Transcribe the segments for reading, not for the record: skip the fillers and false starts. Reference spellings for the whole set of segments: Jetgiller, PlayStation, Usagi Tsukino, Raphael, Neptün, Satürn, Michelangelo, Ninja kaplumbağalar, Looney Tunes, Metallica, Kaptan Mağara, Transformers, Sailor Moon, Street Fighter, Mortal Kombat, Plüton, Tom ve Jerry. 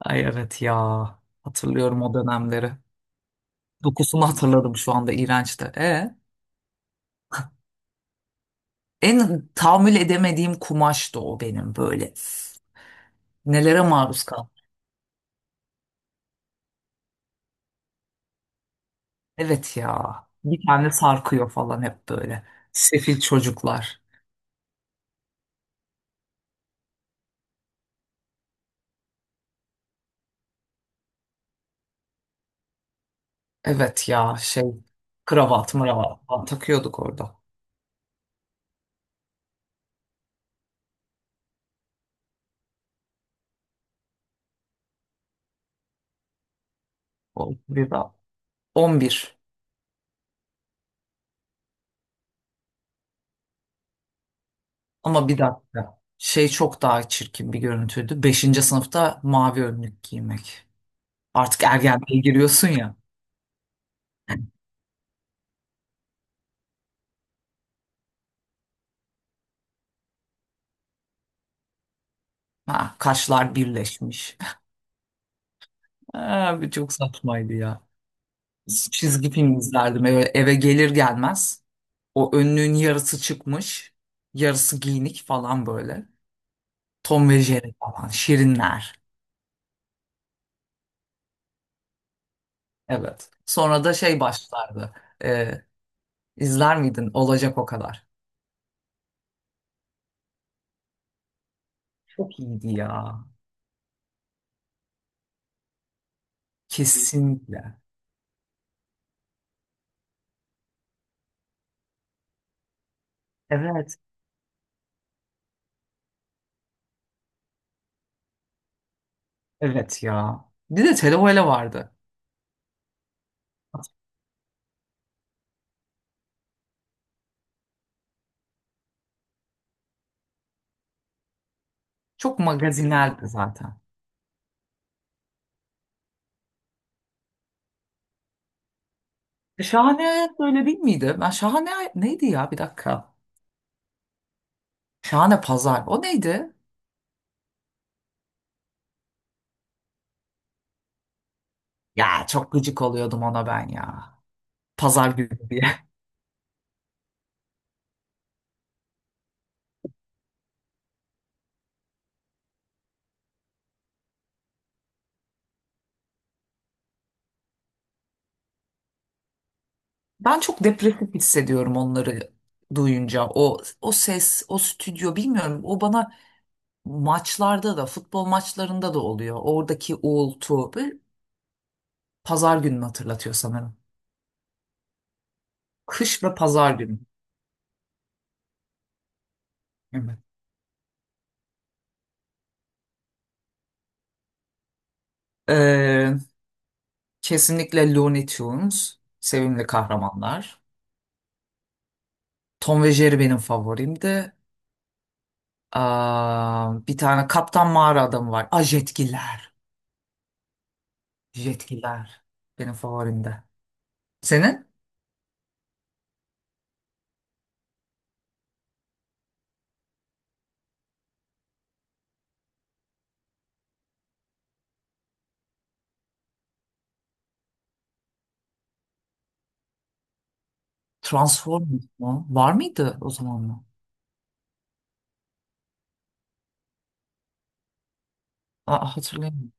Ay evet ya. Hatırlıyorum o dönemleri. Dokusunu hatırladım şu anda iğrençti. En tahammül edemediğim kumaştı o benim böyle. Nelere maruz kaldım. Evet ya. Bir tane sarkıyor falan hep böyle. Sefil çocuklar. Evet ya, şey kravat mıravat falan takıyorduk orada. O bir daha. On bir. Ama bir dakika. Şey çok daha çirkin bir görüntüydü. Beşinci sınıfta mavi önlük giymek. Artık ergenliğe giriyorsun ya. Ha, kaşlar birleşmiş. Abi çok saçmaydı ya. Çizgi film izlerdim eve gelir gelmez. O önlüğün yarısı çıkmış, yarısı giyinik falan böyle. Tom ve Jerry falan, Şirinler. Evet. Sonra da şey başlardı. Ee, izler miydin? Olacak o kadar. Çok iyiydi ya. Kesinlikle. Evet. Evet ya. Bir de televele vardı. Çok magazineldi zaten. Şahane böyle değil miydi? Ben şahane neydi ya bir dakika. Şahane pazar. O neydi? Ya çok gıcık oluyordum ona ben ya. Pazar günü diye. Ben çok depresif hissediyorum onları duyunca. O ses, o stüdyo bilmiyorum. O bana maçlarda da, futbol maçlarında da oluyor. Oradaki uğultu. Böyle pazar gününü hatırlatıyor sanırım. Kış ve pazar günü. Evet. Ee, kesinlikle Looney Tunes. Sevimli kahramanlar. Tom ve Jerry benim favorimdi. Aa, bir tane Kaptan Mağara adamı var. Aa, Jetgiller. Jetgiller. Benim favorimde. Senin? Transformers mu? Var mıydı o zaman mı? Aa, hatırlayamıyorum.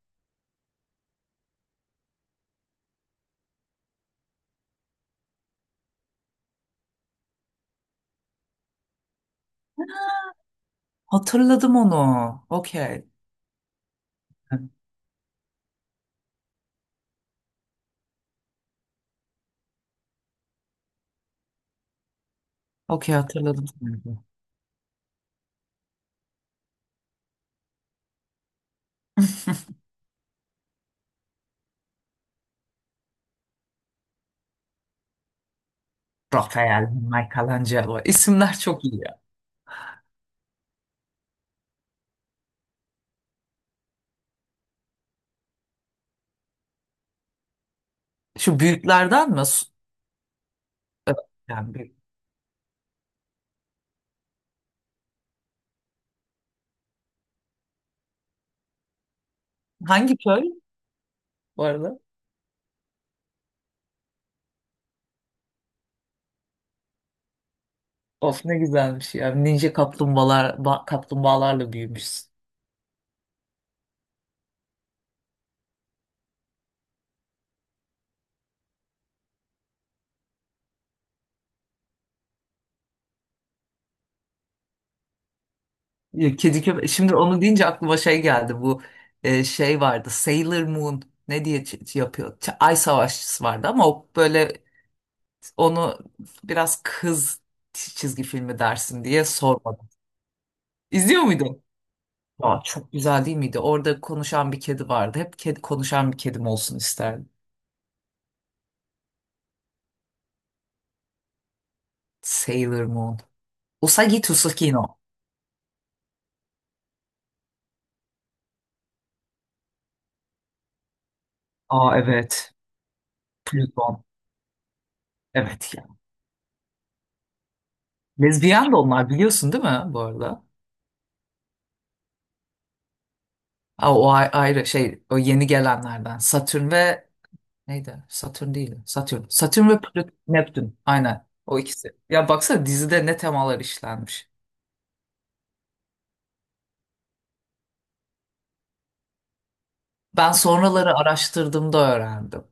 Hatırladım onu. Okey. Okey, hatırladım şimdi. Raphael, Michelangelo. İsimler çok iyi ya. Şu büyüklerden mi? Yani büyük. Hangi köy bu arada? Of ne güzelmiş ya. Ninja kaplumbağalar, kaplumbağalarla büyümüşsün. Ya, kedi köpek. Şimdi onu deyince aklıma şey geldi. Bu şey vardı. Sailor Moon ne diye yapıyor? Ay Savaşçısı vardı ama o böyle onu biraz kız çizgi filmi dersin diye sormadım. İzliyor muydun? Aa, çok güzel değil miydi? Orada konuşan bir kedi vardı. Hep kedi konuşan bir kedim olsun isterdim. Sailor Moon. Usagi Tsukino. Aa, evet. Plüton. Evet ya. Lezbiyen de onlar biliyorsun değil mi bu arada? Aa, o ayrı şey o yeni gelenlerden. Satürn ve neydi? Satürn değil. Satürn. Satürn ve Neptün. Aynen. O ikisi. Ya baksana dizide ne temalar işlenmiş. Ben sonraları araştırdığımda öğrendim.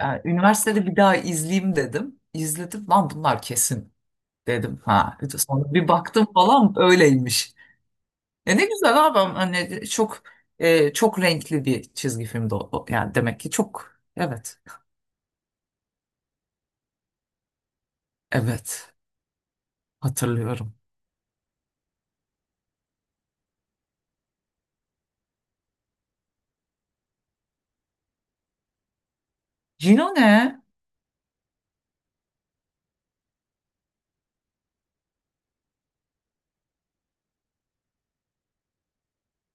Yani üniversitede bir daha izleyeyim dedim. İzledim. Lan bunlar kesin dedim. Ha. Sonra bir baktım falan öyleymiş. E ne güzel abi. Hani çok renkli bir çizgi filmdi o. Yani demek ki çok. Evet. Evet. Hatırlıyorum. Cino ne?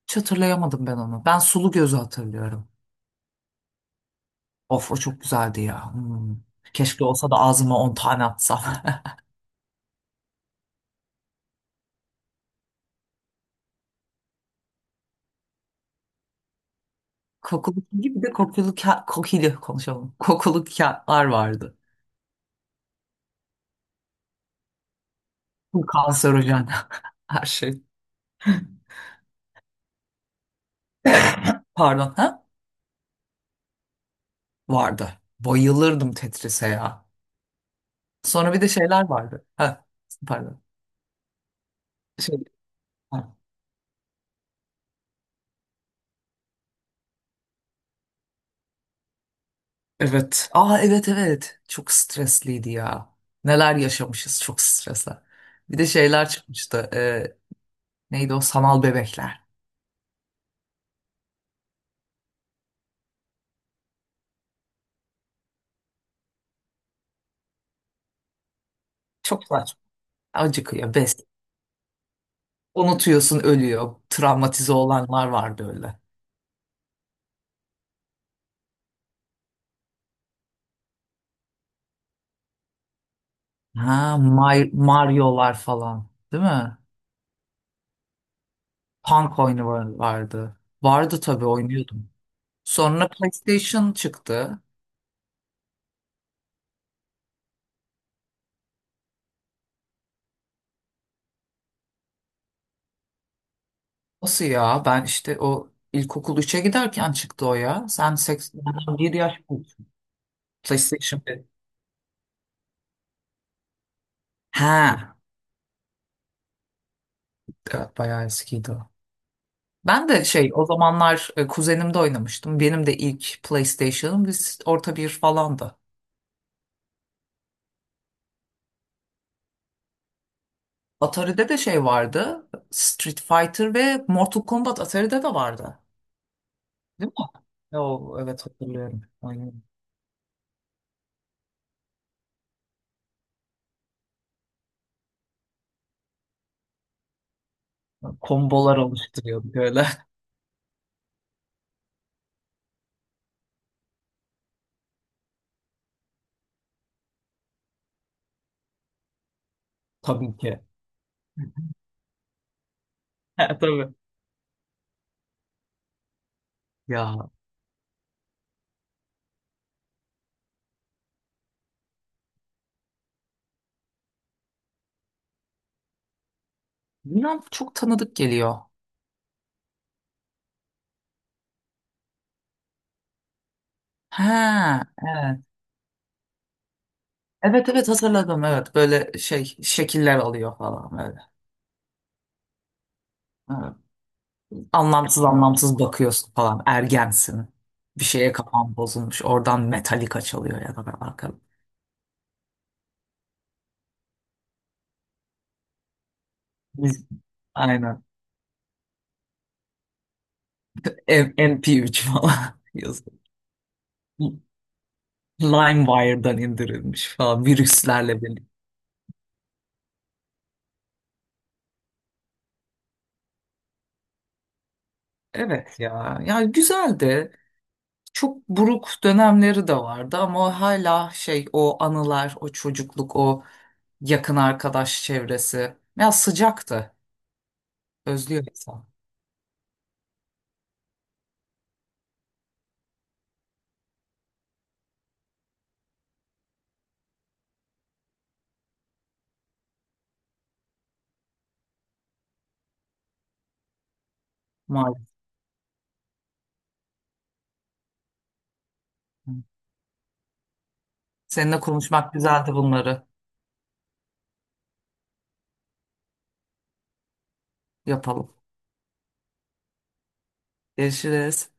Hiç hatırlayamadım ben onu. Ben Sulu Göz'ü hatırlıyorum. Of o çok güzeldi ya. Hmm. Keşke olsa da ağzıma 10 tane atsam. Kokulu gibi bir de kokulu kokili konuşalım. Kokulu kağıtlar vardı. Bu kanserojen her şey. Pardon ha? Vardı. Bayılırdım Tetris'e ya. Sonra bir de şeyler vardı. Ha, pardon. Şey, ha. Evet. Aa, evet, evet. Çok stresliydi ya. Neler yaşamışız çok stresle. Bir de şeyler çıkmıştı. Neydi o sanal bebekler. Çok saçma. Acıkıyor, bes. Unutuyorsun, ölüyor. Travmatize olanlar vardı öyle. Ha, Mario'lar falan, değil mi? Punk oyunu vardı. Vardı tabii oynuyordum. Sonra PlayStation çıktı. Nasıl ya? Ben işte o ilkokul 3'e giderken çıktı o ya. Sen seksenden 1 yaş büyüksün. PlayStation 1. Ha, evet, bayağı eskiydi o. Ben de şey o zamanlar kuzenimde oynamıştım. Benim de ilk PlayStation'ım biz orta bir falandı. Atari'de de şey vardı. Street Fighter ve Mortal Kombat Atari'de de vardı. Değil mi? Yo, evet, hatırlıyorum. Aynen. Kombolar oluşturuyorduk öyle. Tabii ki. Ha, tabii. Ya bilmem, çok tanıdık geliyor. Ha, evet. Evet, evet, hatırladım, evet. Böyle şey şekiller alıyor falan böyle. Anlamsız anlamsız bakıyorsun falan. Ergensin. Bir şeye kafan bozulmuş. Oradan Metallica çalıyor ya da ben arkada. Biz- Aynen. MP3 falan yazıyor. LimeWire'dan indirilmiş falan virüslerle birlikte. Evet ya. Yani güzeldi. Çok buruk dönemleri de vardı ama hala şey o anılar, o çocukluk, o yakın arkadaş çevresi. Ya sıcaktı. Özlüyor insan maalesef. Seninle konuşmak güzeldi bunları. Yapalım. Görüşürüz.